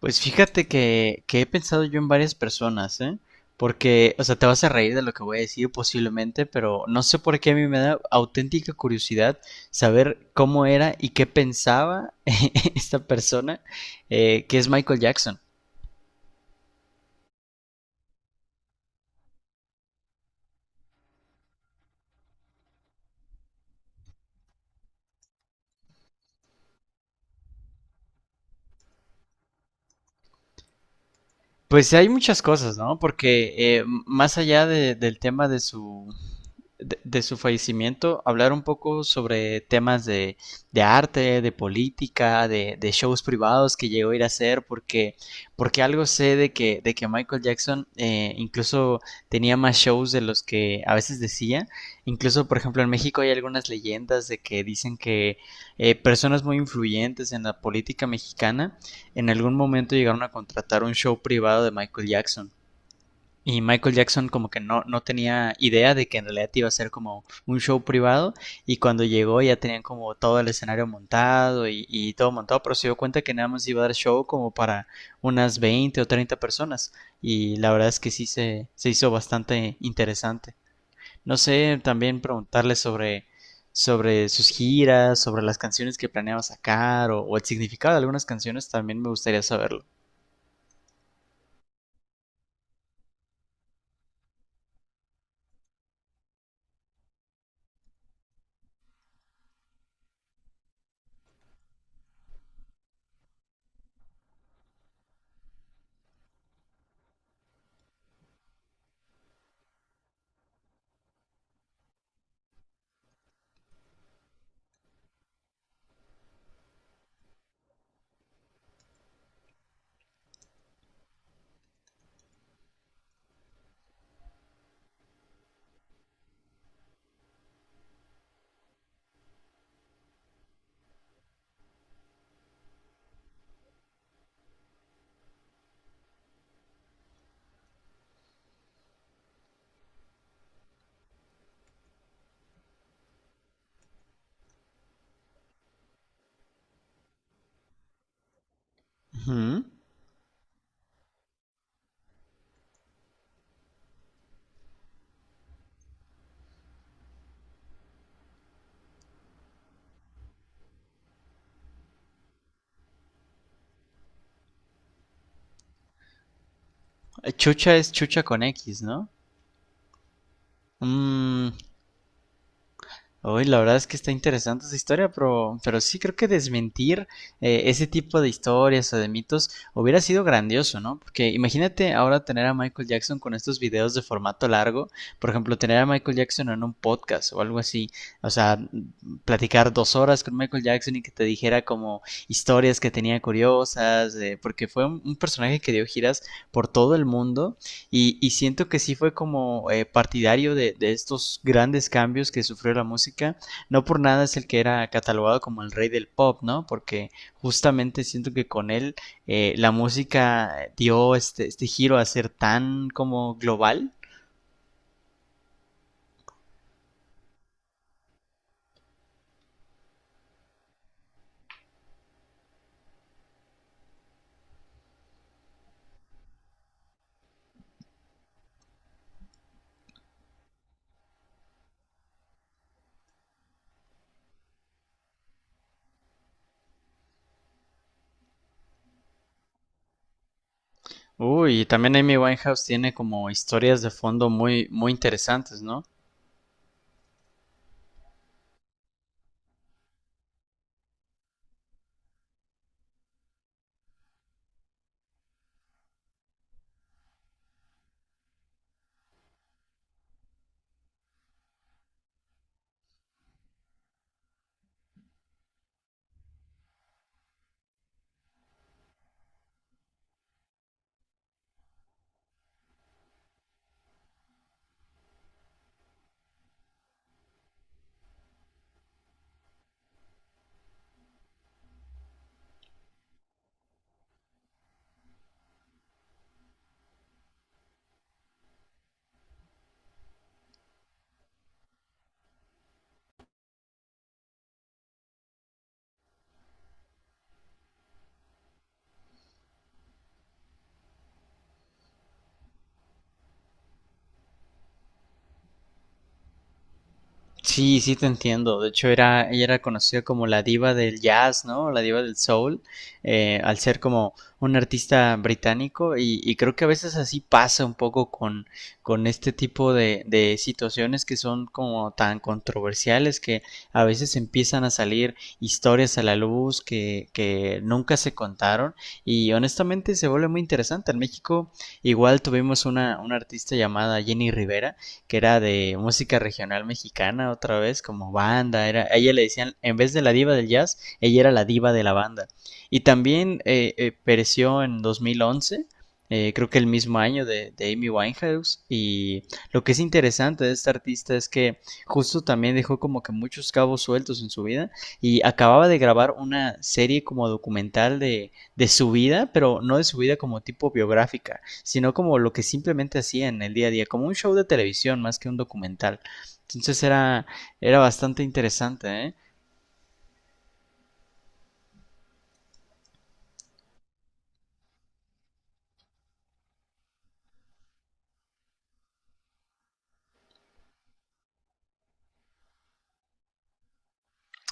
Pues fíjate que he pensado yo en varias personas, ¿eh? Porque, o sea, te vas a reír de lo que voy a decir posiblemente, pero no sé por qué a mí me da auténtica curiosidad saber cómo era y qué pensaba esta persona que es Michael Jackson. Pues hay muchas cosas, ¿no? Porque más allá del tema de su, de su fallecimiento, hablar un poco sobre temas de arte, de política, de shows privados que llegó a ir a hacer, porque algo sé de de que Michael Jackson incluso tenía más shows de los que a veces decía. Incluso, por ejemplo, en México hay algunas leyendas de que dicen que personas muy influyentes en la política mexicana en algún momento llegaron a contratar un show privado de Michael Jackson. Y Michael Jackson como que no, no tenía idea de que en realidad iba a ser como un show privado y cuando llegó ya tenían como todo el escenario montado y todo montado, pero se dio cuenta que nada más iba a dar show como para unas 20 o 30 personas y la verdad es que sí se hizo bastante interesante. No sé, también preguntarle sobre sus giras, sobre las canciones que planeaba sacar o el significado de algunas canciones también me gustaría saberlo. Ujú. Chucha es chucha con X, ¿no? Mm, hoy la verdad es que está interesante esa historia, pero sí creo que desmentir ese tipo de historias o de mitos hubiera sido grandioso, ¿no? Porque imagínate ahora tener a Michael Jackson con estos videos de formato largo, por ejemplo, tener a Michael Jackson en un podcast o algo así, o sea, platicar 2 horas con Michael Jackson y que te dijera como historias que tenía curiosas, porque fue un personaje que dio giras por todo el mundo y siento que sí fue como partidario de estos grandes cambios que sufrió la música. No por nada es el que era catalogado como el rey del pop, ¿no? Porque justamente siento que con él la música dio este giro a ser tan como global. Uy, y también Amy Winehouse tiene como historias de fondo muy, muy interesantes, ¿no? Sí, sí te entiendo. De hecho, ella era conocida como la diva del jazz, ¿no? La diva del soul, al ser como un artista británico y creo que a veces así pasa un poco con este tipo de situaciones que son como tan controversiales que a veces empiezan a salir historias a la luz que nunca se contaron y honestamente se vuelve muy interesante. En México igual tuvimos una artista llamada Jenny Rivera que era de música regional mexicana otra vez, como banda, a ella le decían, en vez de la diva del jazz, ella era la diva de la banda. Y también pereció en 2011, creo que el mismo año de, Amy Winehouse. Y lo que es interesante de esta artista es que justo también dejó como que muchos cabos sueltos en su vida y acababa de grabar una serie como documental de su vida, pero no de su vida como tipo biográfica, sino como lo que simplemente hacía en el día a día, como un show de televisión más que un documental. Entonces era bastante interesante, ¿eh?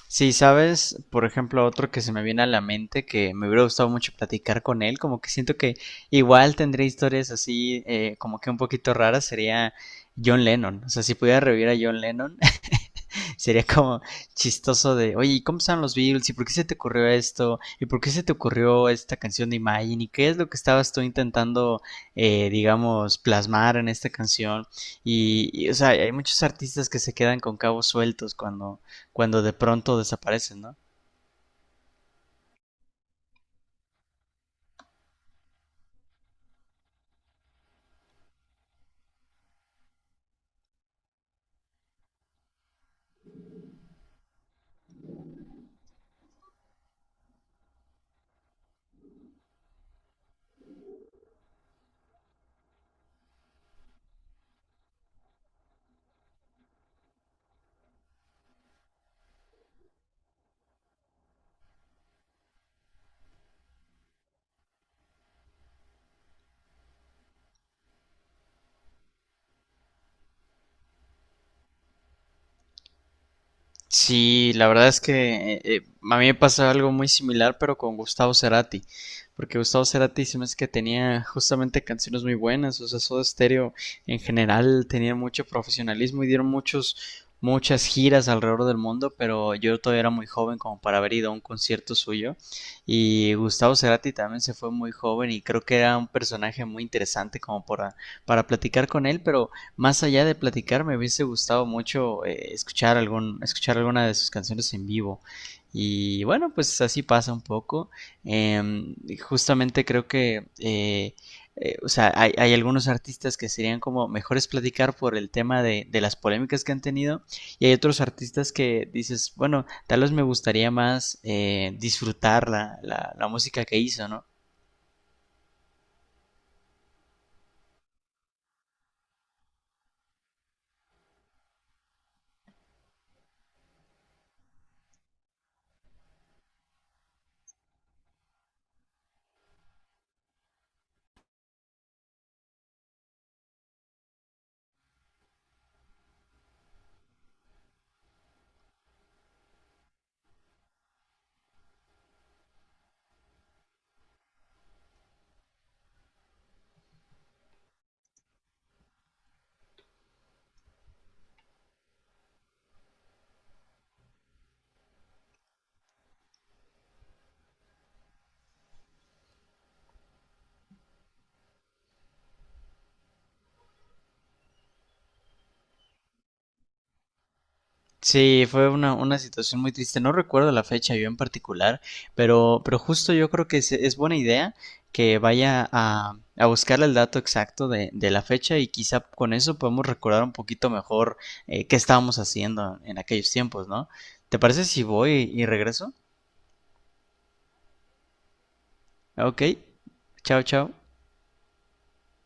Sí, sabes, por ejemplo, otro que se me viene a la mente que me hubiera gustado mucho platicar con él, como que siento que igual tendría historias así, como que un poquito raras, sería John Lennon. O sea, si pudiera revivir a John Lennon, sería como chistoso de, oye, ¿cómo son los Beatles? ¿Y por qué se te ocurrió esto? ¿Y por qué se te ocurrió esta canción de Imagine? ¿Y qué es lo que estabas tú intentando, digamos, plasmar en esta canción? O sea, hay muchos artistas que se quedan con cabos sueltos cuando de pronto desaparecen, ¿no? Sí, la verdad es que a mí me pasó algo muy similar, pero con Gustavo Cerati. Porque Gustavo Cerati se me hace que tenía justamente canciones muy buenas. O sea, Soda Stereo en general tenía mucho profesionalismo y dieron muchas giras alrededor del mundo. Pero yo todavía era muy joven como para haber ido a un concierto suyo. Y Gustavo Cerati también se fue muy joven y creo que era un personaje muy interesante como para platicar con él. Pero más allá de platicar, me hubiese gustado mucho escuchar alguna de sus canciones en vivo. Y bueno, pues así pasa un poco. Eh, justamente creo que, o sea, algunos artistas que serían como mejores platicar por el tema de las polémicas que han tenido. Y hay otros artistas que dices, bueno, tal vez me gustaría más disfrutar la música que hizo, ¿no? Sí, fue una situación muy triste. No recuerdo la fecha yo en particular, pero justo yo creo que es buena idea que vaya a buscar el dato exacto de la fecha y quizá con eso podemos recordar un poquito mejor qué estábamos haciendo en aquellos tiempos, ¿no? ¿Te parece si voy y regreso? Ok, chao, chao.